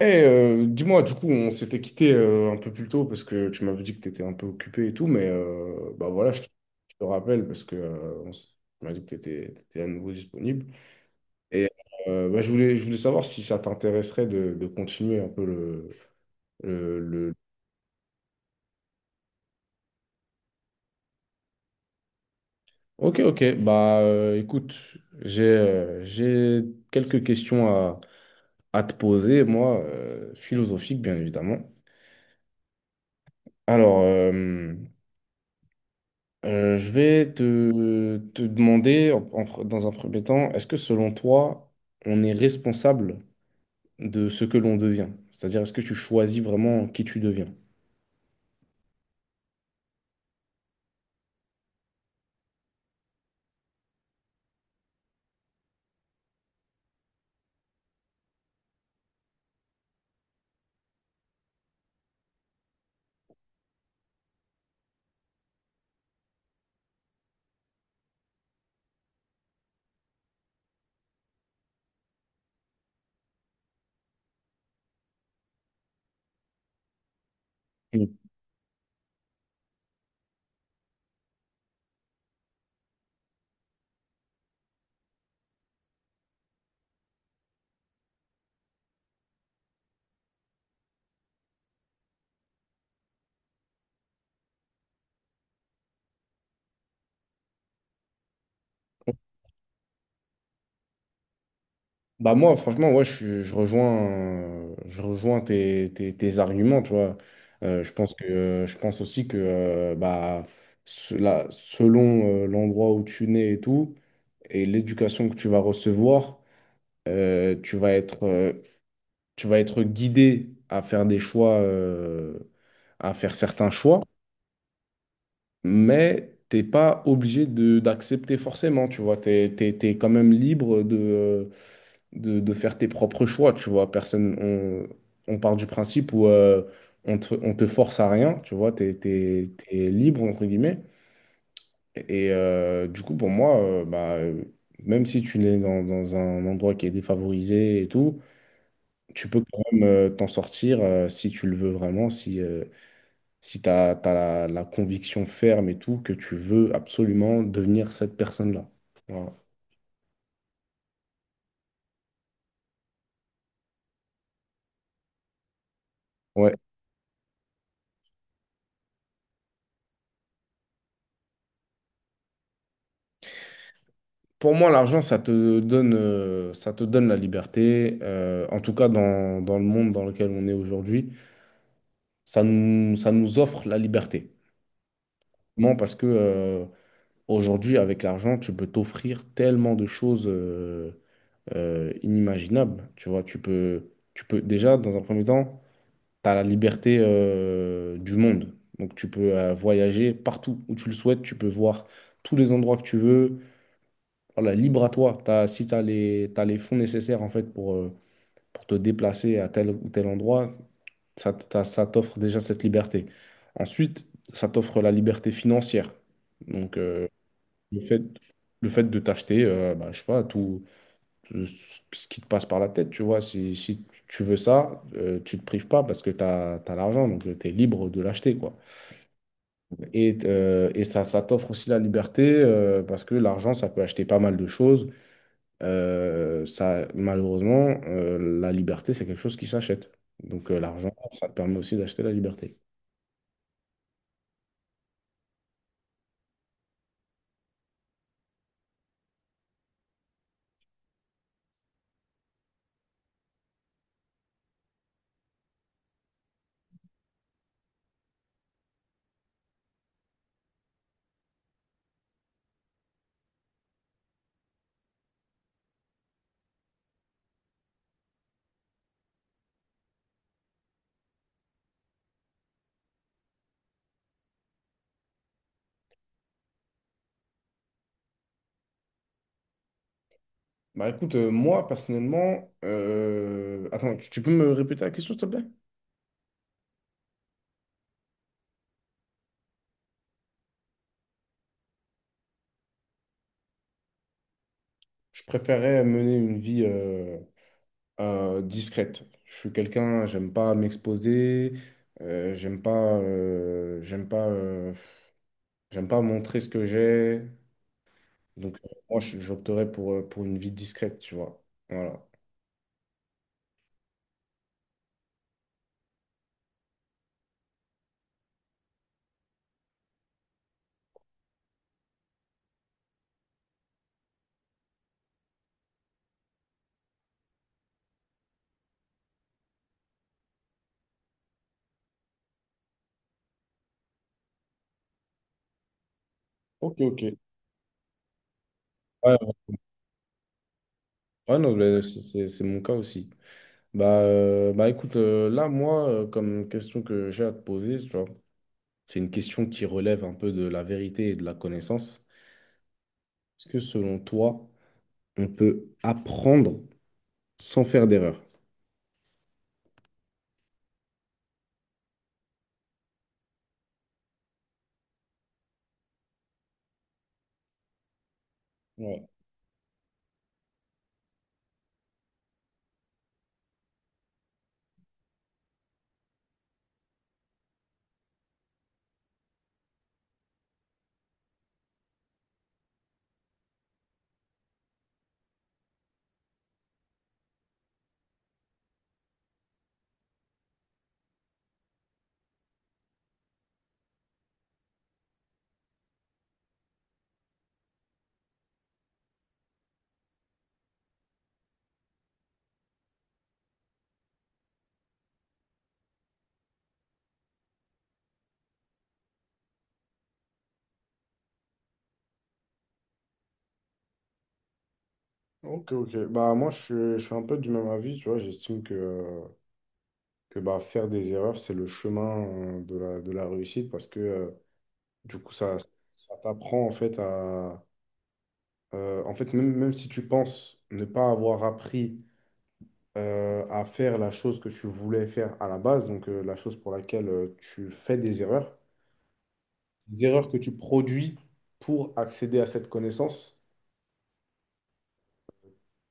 Dis-moi, du coup, on s'était quitté un peu plus tôt parce que tu m'avais dit que tu étais un peu occupé et tout, mais bah voilà, je te rappelle parce que tu m'as dit que tu étais, à nouveau disponible. Et bah, je voulais savoir si ça t'intéresserait de continuer un peu le, le- Ok, ok, bah écoute, j'ai quelques questions à te poser, moi, philosophiques, bien évidemment. Alors, je vais te demander, dans un premier temps, est-ce que selon toi, on est responsable de ce que l'on devient? C'est-à-dire, est-ce que tu choisis vraiment qui tu deviens? Mm. Bah moi, franchement, ouais, je rejoins tes arguments, tu vois. Je pense je pense aussi que, bah, cela, selon l'endroit où tu nais et tout, et l'éducation que tu vas recevoir, euh, tu vas être, euh, tu vas être guidé à faire des choix, à faire certains choix, mais t'es pas obligé de d'accepter forcément, tu vois, t'es quand même libre de, de faire tes propres choix, tu vois, personne, on part du principe où on te force à rien, tu vois, t'es libre, entre guillemets. Et du coup, pour moi, même si tu es dans un endroit qui est défavorisé et tout, tu peux quand même t'en sortir si tu le veux vraiment, si tu as, la conviction ferme et tout, que tu veux absolument devenir cette personne-là. Voilà. Ouais. Pour moi, l'argent, ça te donne la liberté. En tout cas, dans le monde dans lequel on est aujourd'hui, ça nous offre la liberté. Non, parce que aujourd'hui, avec l'argent, tu peux t'offrir tellement de choses inimaginables. Tu vois, tu peux déjà, dans un premier temps, tu as la liberté du monde. Donc, tu peux voyager partout où tu le souhaites. Tu peux voir tous les endroits que tu veux. Voilà, libre à toi. Si tu as t'as les fonds nécessaires, en fait, pour te déplacer à tel ou tel endroit, ça, ça t'offre déjà cette liberté. Ensuite, ça t'offre la liberté financière. Donc, le fait, le fait de t'acheter, bah, je sais pas, tout, tout ce qui te passe par la tête, tu vois. Si tu veux ça, tu te prives pas parce que tu as, l'argent, donc tu es libre de l'acheter, quoi. Et ça, ça t'offre aussi la liberté parce que l'argent, ça peut acheter pas mal de choses. Ça, malheureusement, la liberté, c'est quelque chose qui s'achète. Donc l'argent, ça te permet aussi d'acheter la liberté. Bah écoute, moi personnellement, attends, tu peux me répéter la question, s'il te plaît? Je préférerais mener une vie discrète. Je suis quelqu'un, j'aime pas m'exposer, euh, j'aime pas, euh, j'aime pas, euh, j'aime pas montrer ce que j'ai. Donc moi, j'opterais pour une vie discrète, tu vois. Voilà. Ok, ok. Ouais, ouais, ouais, non, mais c'est mon cas aussi. Bah, bah écoute, là, moi, comme question que j'ai à te poser, tu vois, c'est une question qui relève un peu de la vérité et de la connaissance. Est-ce que selon toi, on peut apprendre sans faire d'erreur. Ouais. Ok, ok. Bah, moi, je suis un peu du même avis, tu vois. J'estime que, que bah, faire des erreurs, c'est le chemin de de la réussite parce que, du coup, ça t'apprend, en fait, à... en fait, même, même si tu penses ne pas avoir appris à faire la chose que tu voulais faire à la base, donc la chose pour laquelle tu fais des erreurs que tu produis pour accéder à cette connaissance,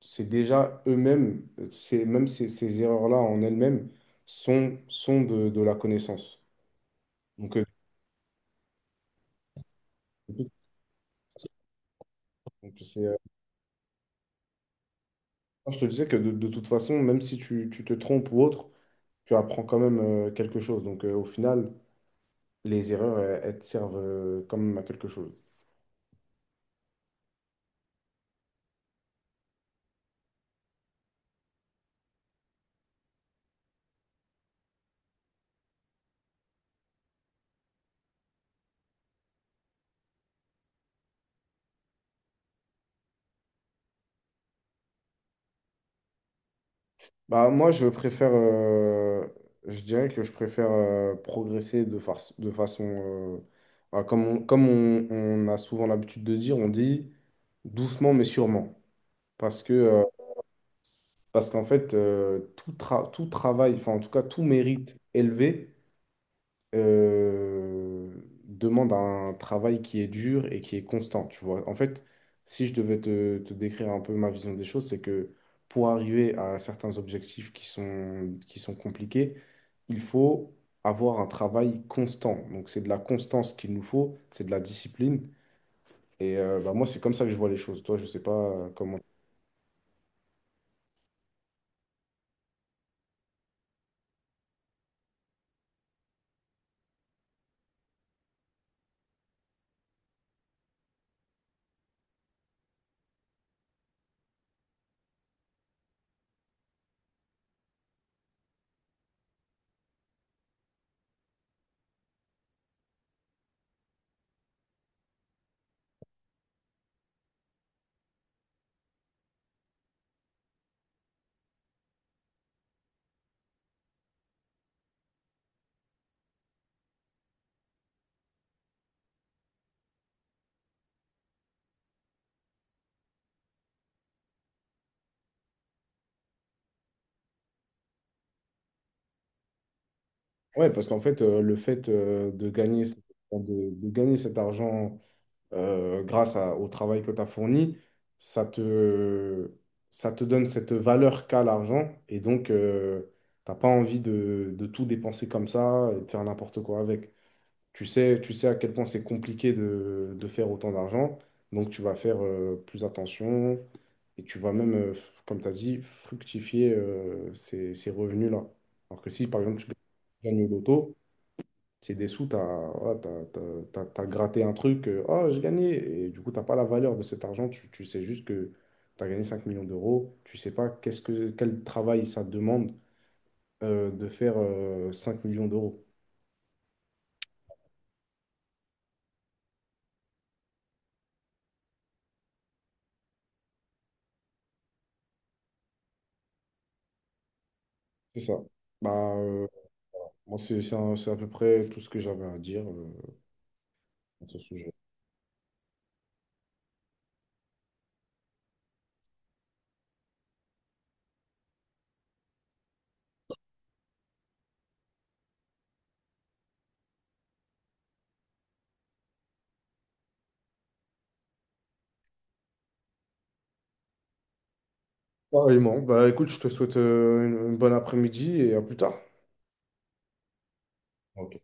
c'est déjà eux-mêmes, c'est même ces erreurs-là en elles-mêmes sont, de la connaissance. Donc, euh, donc, je te disais que de toute façon, même si tu te trompes ou autre, tu apprends quand même quelque chose. Donc, au final, les erreurs, elles te servent quand même à quelque chose. Bah, moi, je préfère, je dirais que je préfère progresser de façon, bah, comme on, comme on a souvent l'habitude de dire, on dit doucement mais sûrement. Parce que, parce qu'en fait, tout, tout travail, enfin en tout cas tout mérite élevé, euh, demande un travail qui est dur et qui est constant, tu vois. En fait, si je devais te décrire un peu ma vision des choses, c'est que pour arriver à certains objectifs qui sont compliqués, il faut avoir un travail constant. Donc c'est de la constance qu'il nous faut, c'est de la discipline. Et bah, moi, c'est comme ça que je vois les choses. Toi, je sais pas comment... Ouais, parce qu'en fait, le fait enfin, de gagner cet argent au travail que tu as fourni, ça te, ça te donne cette valeur qu'a l'argent. Et donc, t'as pas envie de tout dépenser comme ça et de faire n'importe quoi avec. Tu sais à quel point c'est compliqué de faire autant d'argent. Donc, tu vas faire plus attention et tu vas même, comme tu as dit, fructifier ces revenus-là. Alors que si, par exemple, tu gagnes au loto, c'est des sous, voilà, t'as gratté un truc, oh, j'ai gagné. Et du coup, t'as pas la valeur de cet argent. Tu sais juste que tu as gagné 5 millions d'euros. Tu sais pas qu'est-ce que, quel travail ça demande de faire 5 millions d'euros. C'est ça. Bah, moi, c'est à peu près tout ce que j'avais à dire à ce sujet. Pareillement. Bah, écoute, je te souhaite une bonne après-midi et à plus tard. Ok.